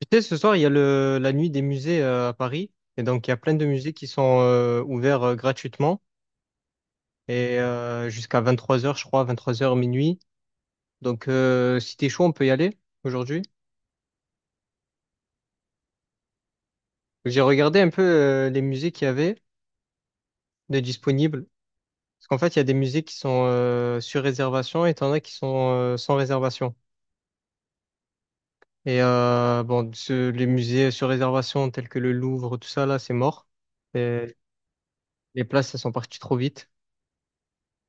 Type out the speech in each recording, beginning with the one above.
Tu sais, ce soir, il y a la nuit des musées à Paris. Et donc, il y a plein de musées qui sont ouverts gratuitement. Et jusqu'à 23h, je crois, 23h minuit. Donc, si t'es chaud, on peut y aller aujourd'hui. J'ai regardé un peu les musées qu'il y avait de disponibles. Parce qu'en fait, il y a des musées qui sont sur réservation et t'en as qui sont sans réservation. Et bon, les musées sur réservation tels que le Louvre, tout ça, là, c'est mort. Et les places, elles sont parties trop vite.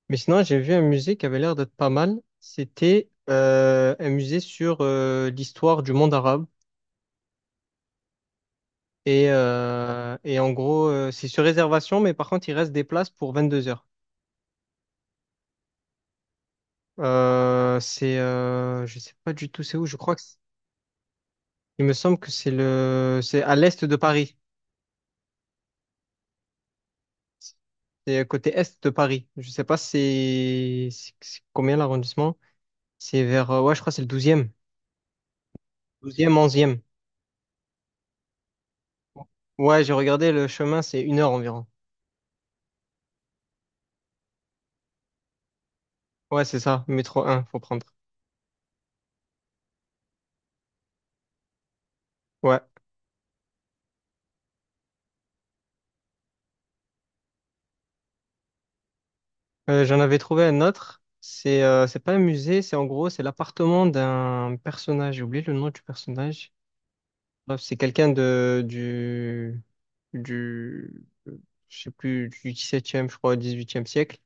Mais sinon, j'ai vu un musée qui avait l'air d'être pas mal. C'était un musée sur l'histoire du monde arabe. Et en gros, c'est sur réservation, mais par contre, il reste des places pour 22h. Je sais pas du tout c'est où, je crois que il me semble que c'est c'est à l'est de Paris. C'est côté est de Paris. Je sais pas c'est combien l'arrondissement. C'est vers, ouais, je crois que c'est le douzième, onzième. Ouais, j'ai regardé le chemin, c'est une heure environ. Ouais, c'est ça, métro un faut prendre. Ouais. J'en avais trouvé un autre. C'est pas un musée, c'est en gros, c'est l'appartement d'un personnage. J'ai oublié le nom du personnage. Bref, c'est quelqu'un de du je sais plus du 17e, je crois, 18e siècle.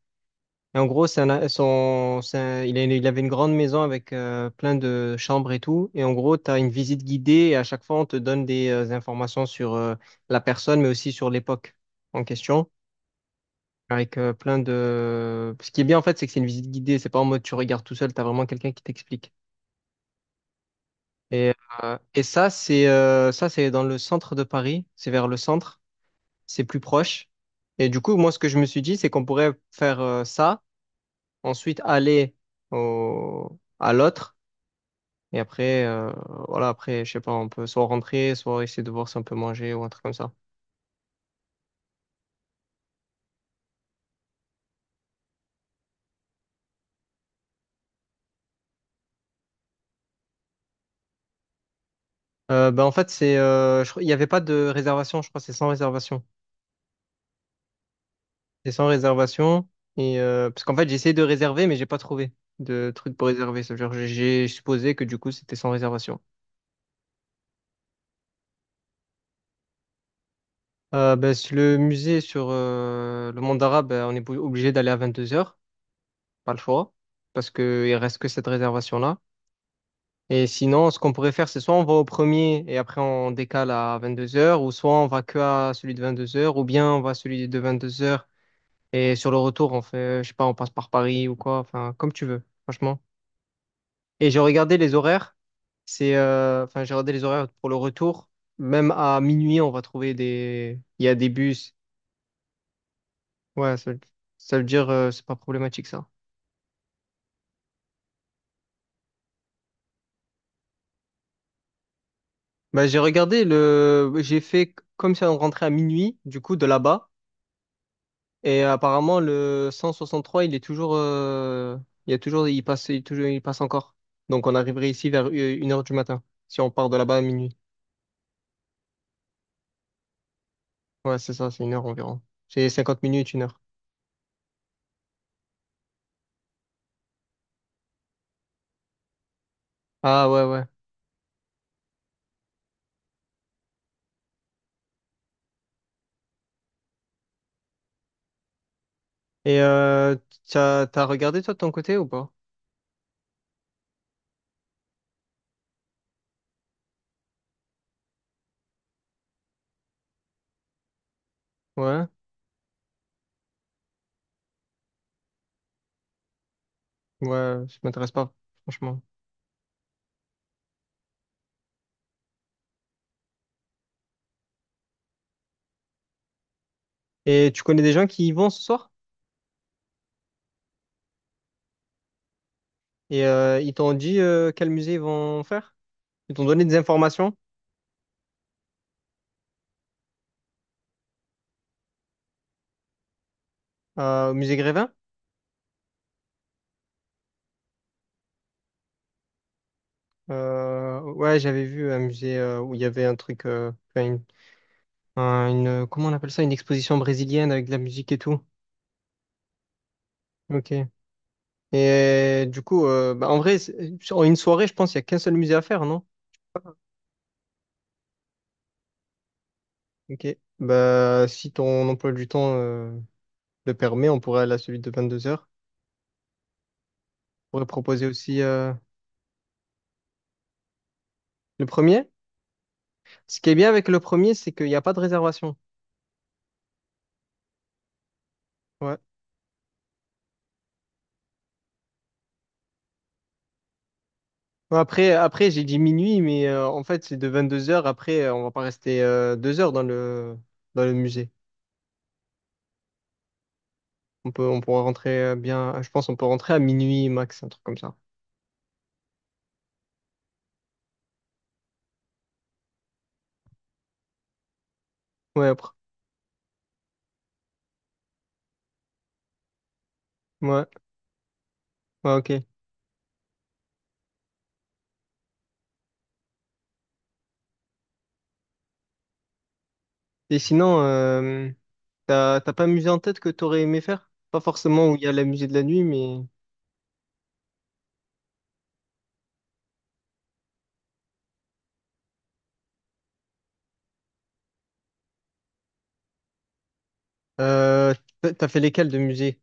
Et en gros, c'est un- il a- une- il avait une grande maison avec plein de chambres et tout. Et en gros, tu as une visite guidée et à chaque fois, on te donne des informations sur la personne, mais aussi sur l'époque en question. Avec plein de. Ce qui est bien en fait, c'est que c'est une visite guidée, c'est pas en mode tu regardes tout seul, t'as vraiment quelqu'un qui t'explique. Et, et ça, c'est dans le centre de Paris, c'est vers le centre, c'est plus proche. Et du coup, moi, ce que je me suis dit, c'est qu'on pourrait faire ça, ensuite aller à l'autre, et après, voilà, après, je sais pas, on peut soit rentrer, soit essayer de voir si on peut manger ou un truc comme ça. Ben, en fait, il n'y avait pas de réservation, je crois, que c'est sans réservation. C'est sans réservation. Et parce qu'en fait, j'ai essayé de réserver, mais j'ai pas trouvé de truc pour réserver. Ça veut dire, que j'ai supposé que du coup, c'était sans réservation. Ben, si le musée sur le monde arabe, ben, on est obligé d'aller à 22h, pas le choix, parce qu'il reste que cette réservation-là. Et sinon, ce qu'on pourrait faire, c'est soit on va au premier et après on décale à 22h, ou soit on va que à celui de 22h, ou bien on va à celui de 22h et sur le retour, on fait, je sais pas, on passe par Paris ou quoi, enfin, comme tu veux, franchement. Et j'ai regardé les horaires. Enfin, j'ai regardé les horaires pour le retour. Même à minuit, on va trouver des. Il y a des bus. Ouais, ça veut dire, c'est pas problématique ça. Bah, j'ai regardé le. J'ai fait comme si on rentrait à minuit, du coup, de là-bas. Et apparemment, le 163, il est toujours. Il y a toujours. Il passe, toujours. Il passe encore. Donc, on arriverait ici vers une heure du matin, si on part de là-bas à minuit. Ouais, c'est ça, c'est une heure environ. C'est 50 minutes, une heure. Ah, ouais, ouais. Et t'as regardé toi de ton côté ou pas? Ouais, ouais, ça m'intéresse pas, franchement. Et tu connais des gens qui y vont ce soir? Et ils t'ont dit quel musée ils vont faire? Ils t'ont donné des informations au musée Grévin? Ouais, j'avais vu un musée où il y avait un truc, enfin, comment on appelle ça? Une exposition brésilienne avec de la musique et tout. Ok. Et du coup, bah, en vrai, sur une soirée, je pense qu'il y a qu'un seul musée à faire, non? Ok. Bah, si ton emploi du temps le permet, on pourrait aller à celui de 22 heures. On pourrait proposer aussi le premier. Ce qui est bien avec le premier, c'est qu'il n'y a pas de réservation. Ouais. Bon, après j'ai dit minuit, mais en fait, c'est de 22 heures. Après, on va pas rester 2 heures dans le musée. On pourra rentrer bien, je pense, on peut rentrer à minuit max, un truc comme ça. Ouais, après. Ouais, ouais, ok. Et sinon, t'as pas un musée en tête que t'aurais aimé faire? Pas forcément où il y a le musée de la nuit, mais euh, t'as fait lesquels de musée?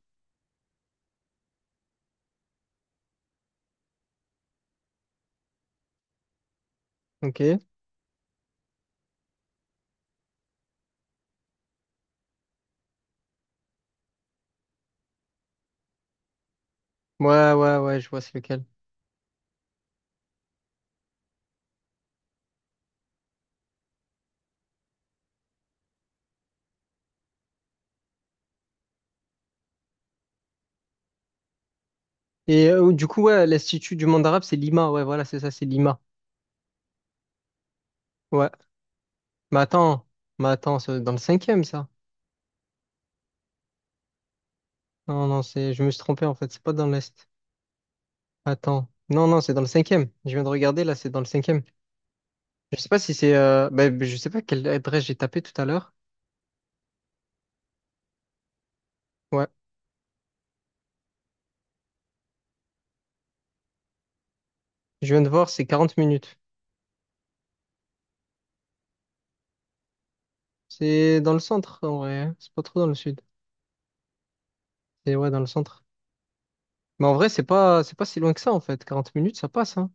Ok. Ouais, ouais, ouais, je vois c'est lequel. Et du coup, ouais, l'Institut du monde arabe, c'est Lima. Ouais, voilà, c'est ça, c'est Lima. Ouais. Mais attends, mais attends, c'est dans le cinquième, ça. Non, non, je me suis trompé en fait, c'est pas dans l'Est. Attends. Non, non, c'est dans le cinquième. Je viens de regarder, là, c'est dans le cinquième. Je sais pas si ben, je sais pas quelle adresse j'ai tapé tout à l'heure. Ouais. Je viens de voir, c'est 40 minutes. C'est dans le centre, en vrai, hein. C'est pas trop dans le sud. C'est, ouais, dans le centre. Mais en vrai, c'est pas si loin que ça, en fait. 40 minutes, ça passe, hein.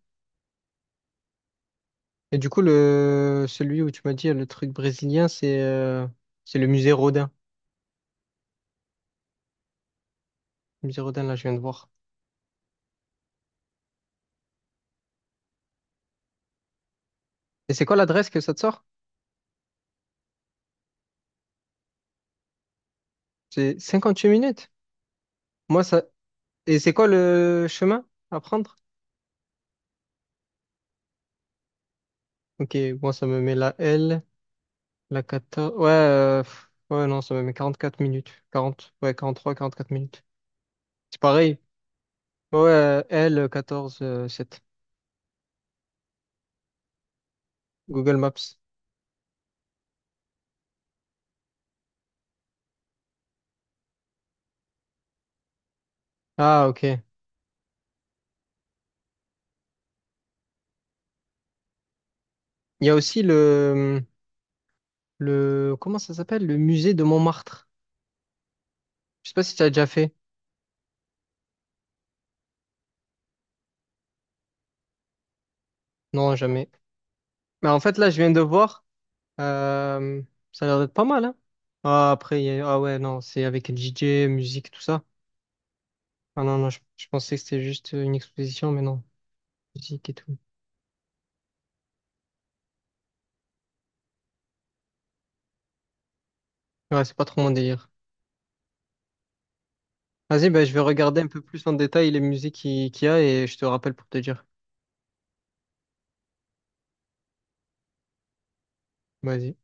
Et du coup, le celui où tu m'as dit le truc brésilien, c'est c'est le musée Rodin. Le musée Rodin, là, je viens de voir. Et c'est quoi l'adresse que ça te sort? C'est 58 minutes. Moi, ça. Et c'est quoi le chemin à prendre? Ok, moi, ça me met la L, la quatorze. Ouais, pff, ouais, non, ça me met 44 minutes. Quarante ouais, quarante-trois 44 minutes. C'est pareil. Ouais, L, 14 7. Google Maps. Ah, ok. Il y a aussi le, comment ça s'appelle? Le musée de Montmartre. Je sais pas si tu as déjà fait. Non, jamais. Mais en fait, là, je viens de voir. euh, Ça a l'air d'être pas mal, hein? Ah, après, ah ouais, non, c'est avec le DJ, musique, tout ça. Ah non, non, je pensais que c'était juste une exposition, mais non, musique et tout. Ouais, c'est pas trop mon délire. Vas-y, bah, je vais regarder un peu plus en détail les musiques qu'il y a et je te rappelle pour te dire. Vas-y.